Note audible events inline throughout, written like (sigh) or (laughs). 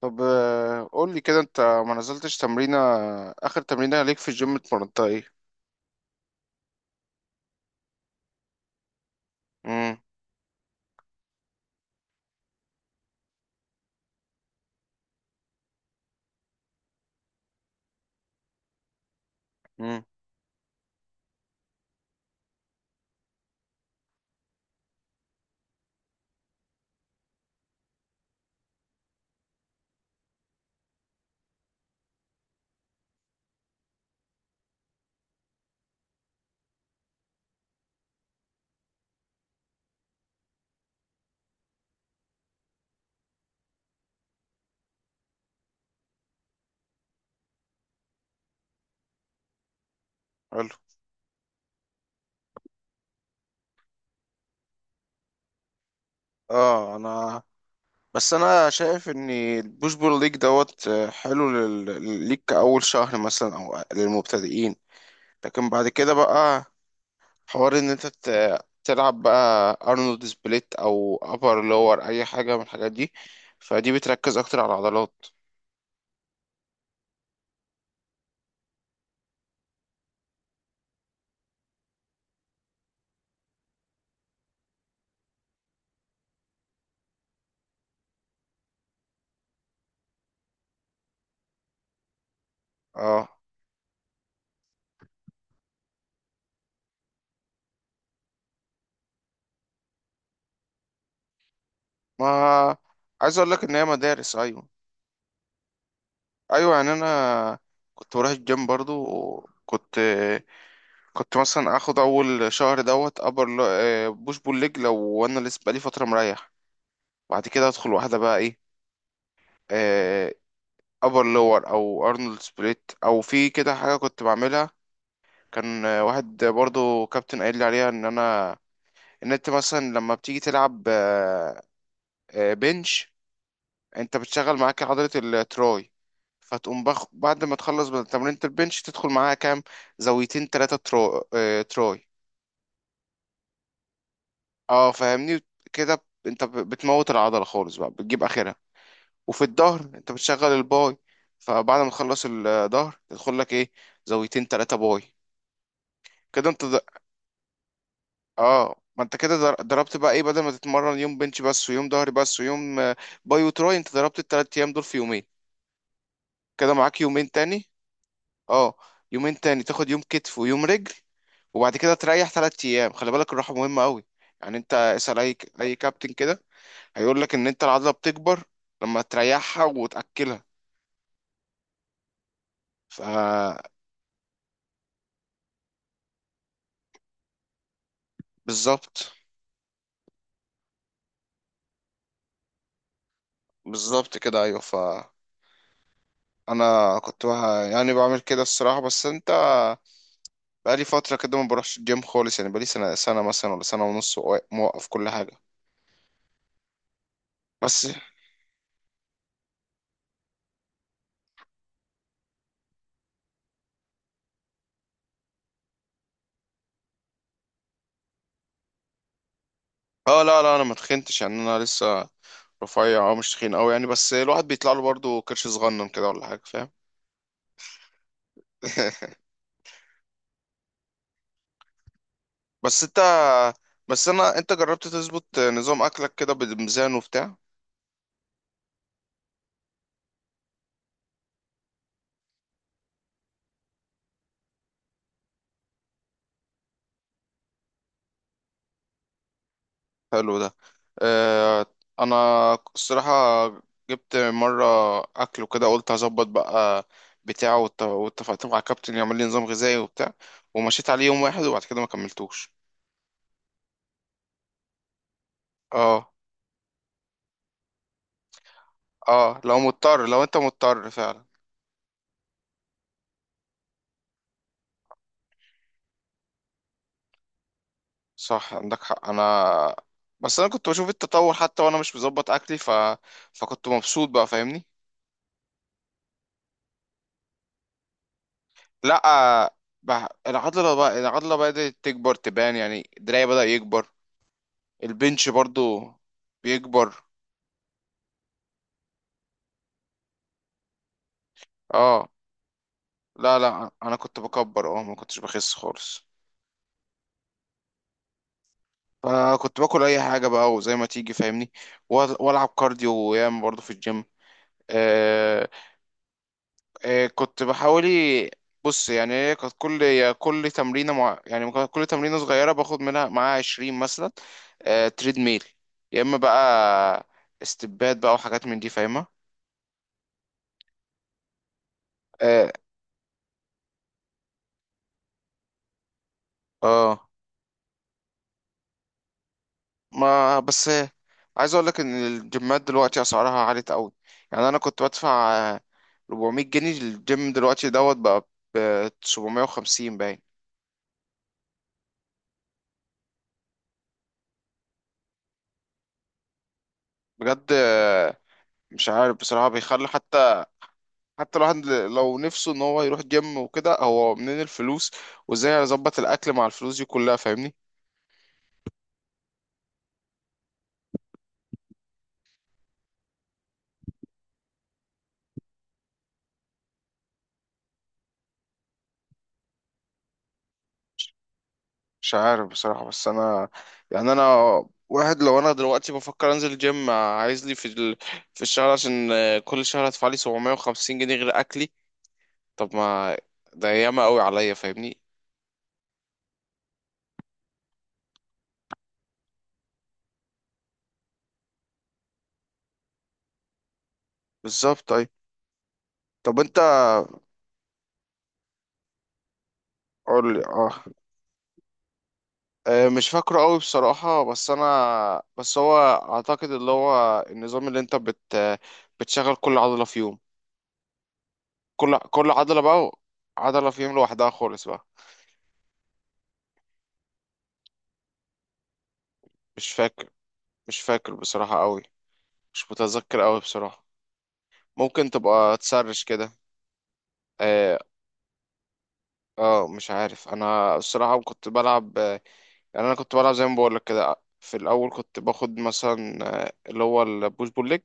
طب قول لي كده، انت ما نزلتش تمرينة. اخر تمرينة ليك في الجيم اتمرنتها ايه؟ امم. امم. حلو. اه، انا بس انا شايف ان البوش بول ليج دوت آه، حلو ليك كأول شهر مثلا او للمبتدئين، لكن بعد كده بقى حوار ان انت تلعب بقى ارنولد سبليت او ابر لور اي حاجة من الحاجات دي، فدي بتركز اكتر على العضلات. اه ما عايز اقول لك ان هي مدارس، ايوه. ايوه يعني انا كنت بروح الجيم برضو، وكنت مثلا اخد اول شهر ابر بوش بول ليج. لو انا لسه بقالي فتره مريح، بعد كده ادخل واحده بقى ايه، ابر لور او ارنولد سبليت او في كده حاجه كنت بعملها. كان واحد برضو كابتن قايل لي عليها ان انت مثلا لما بتيجي تلعب بنش انت بتشغل معاك عضلة التراي، فتقوم بعد ما تخلص من تمرينة البنش تدخل معاها كام زاويتين تلاتة تراي. اه فاهمني. كده ب- انت بتموت العضلة خالص بقى، بتجيب اخرها. وفي الظهر انت بتشغل الباي، فبعد ما تخلص الظهر تدخل لك ايه، زاويتين تلاتة باي. كده انت د... اه ما انت كده ضربت بقى ايه، بدل ما تتمرن يوم بنش بس ويوم ظهر بس ويوم باي وتراي انت ضربت الـ3 ايام دول في يومين. كده معاك يومين تاني. اه. يومين تاني تاخد يوم كتف ويوم رجل، وبعد كده تريح 3 ايام. خلي بالك، الراحه مهمه قوي، يعني انت اسال اي كابتن كده هيقول لك ان انت العضله بتكبر لما تريحها وتاكلها. ف بالظبط. بالظبط كده، ايوه. ف انا كنت بها يعني بعمل كده الصراحه، بس انت بقالي فتره كده ما بروحش الجيم خالص، يعني بقالي سنه مثلا ولا سنه ونص، موقف كل حاجه. بس. اه لا لا، انا ما تخنتش يعني، انا لسه رفيع اه، مش تخين قوي يعني، بس الواحد بيطلع له برضه كرش صغنن كده ولا حاجه فاهم. (laughs) بس انت، بس انا انت جربت تظبط نظام اكلك كده بميزان وبتاع؟ حلو ده. اه انا الصراحه جبت مره اكل وكده، قلت هظبط بقى بتاعه، واتفقت مع كابتن يعمل لي نظام غذائي وبتاع، ومشيت عليه يوم واحد وبعد كده ما كملتوش. اه. اه لو مضطر، لو انت مضطر فعلا. صح، عندك حق، انا بس انا كنت بشوف التطور حتى وانا مش مظبط اكلي، فكنت مبسوط بقى فاهمني. لا بقى العضله، بقى العضله بدات تكبر تبان، يعني دراعي بدأ يكبر، البنش برضو بيكبر. اه لا لا، انا كنت بكبر اه، ما كنتش بخس خالص، فكنت باكل اي حاجه بقى وزي ما تيجي فاهمني. والعب كارديو وياما برضو في الجيم. كنت بحاولي. بص، يعني هي كانت كل يا كل تمرينة مع، يعني كانت كل تمرينة صغيرة باخد منها معاها 20 مثلا، تريد ميل، يا اما بقى استبات بقى وحاجات من دي فاهمة. اه. آه. ما بس عايز اقول لك ان الجيمات دلوقتي اسعارها عالية قوي. يعني انا كنت بدفع آه، 400 جنيه الجيم، دلوقتي بقى ب 750 باين. بجد مش عارف بصراحة. بيخلي حتى، حتى الواحد لو نفسه ان هو يروح جيم وكده، هو منين الفلوس وازاي اظبط الاكل مع الفلوس دي كلها فاهمني؟ مش عارف بصراحة، بس انا يعني انا، واحد لو انا دلوقتي بفكر انزل جيم عايز لي في في الشهر عشان كل شهر هدفع لي 750 جنيه غير اكلي. طب ما ده ياما قوي عليا فاهمني. بالظبط. طيب طب انت قول لي، اه. مش فاكره قوي بصراحة، بس انا بس هو اعتقد اللي هو النظام اللي انت بت بتشغل كل عضلة في يوم. كل عضلة بقى، عضلة فيهم لوحدها خالص بقى. مش فاكر. مش فاكر بصراحة قوي. مش متذكر قوي بصراحة. ممكن تبقى تسرش كده. اه. مش عارف انا الصراحة كنت بلعب يعني انا كنت بلعب زي ما بقولك كده. في الاول كنت باخد مثلا اللي هو البوش بول ليج،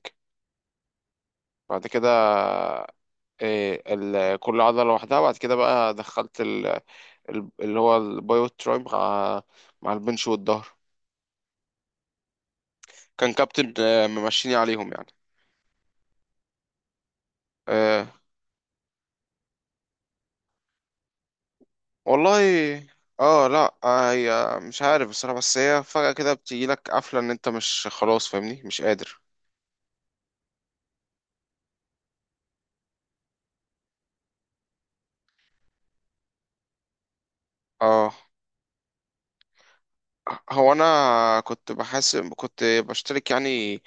بعد كده كل عضلة لوحدها، بعد كده بقى دخلت اللي هو البايو تراي مع، مع البنش والظهر. كان كابتن ممشيني عليهم يعني. آه، والله. اه لا هي مش عارف بصراحة، بس هي فجأة كده بتجيلك قفلة ان انت مش خلاص فاهمني، مش قادر. اه. هو انا كنت بحاسب، كنت بشترك يعني،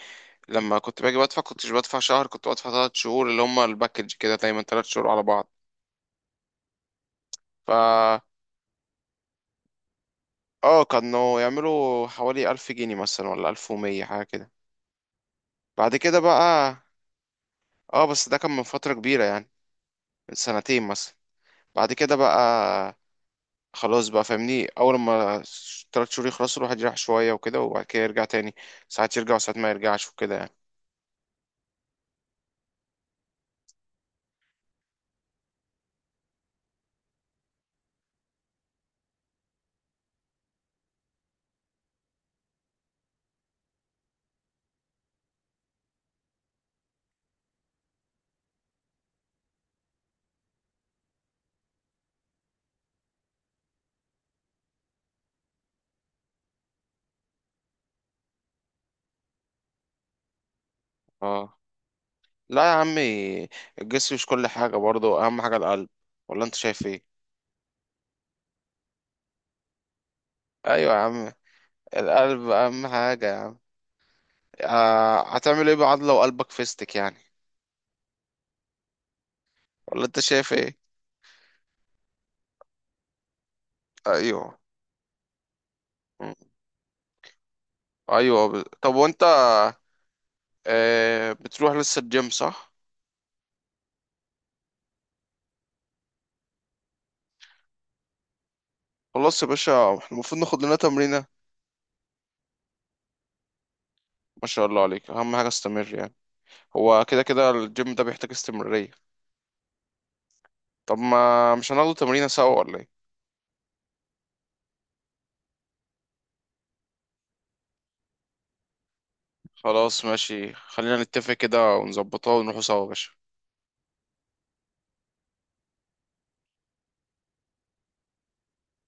لما كنت باجي بدفع كنتش بدفع شهر، كنت بدفع 3 شهور اللي هما الباكج كده دايما 3 شهور على بعض. ف اه كانوا يعملوا حوالي 1000 جنيه مثلا، ولا 1100 حاجة كده. بعد كده بقى، اه بس ده كان من فترة كبيرة يعني، من سنتين مثلا. بعد كده بقى، خلاص بقى فاهمني، اول ما 3 شهور يخلصوا الواحد يريح شويه وكده، وبعد كده يرجع تاني، ساعات يرجع وساعات ما يرجعش وكده يعني. اه لا يا عمي، الجسم مش كل حاجه برضه، اهم حاجه القلب، ولا انت شايف ايه؟ ايوه يا عم. القلب اهم حاجه يا عم. آه، هتعمل ايه بعد لو قلبك فيستك يعني؟ ولا انت شايف ايه؟ ايوه. م. ايوه طب وانت آه بتروح لسه الجيم صح؟ خلاص يا باشا، احنا المفروض ناخد لنا تمرينه. ما شاء الله عليك، اهم حاجه استمر يعني. هو كده كده الجيم ده بيحتاج استمرارية. طب ما مش هناخده تمرينة سوا ولا ايه؟ خلاص ماشي، خلينا نتفق كده ونظبطها ونروحوا سوا يا باشا.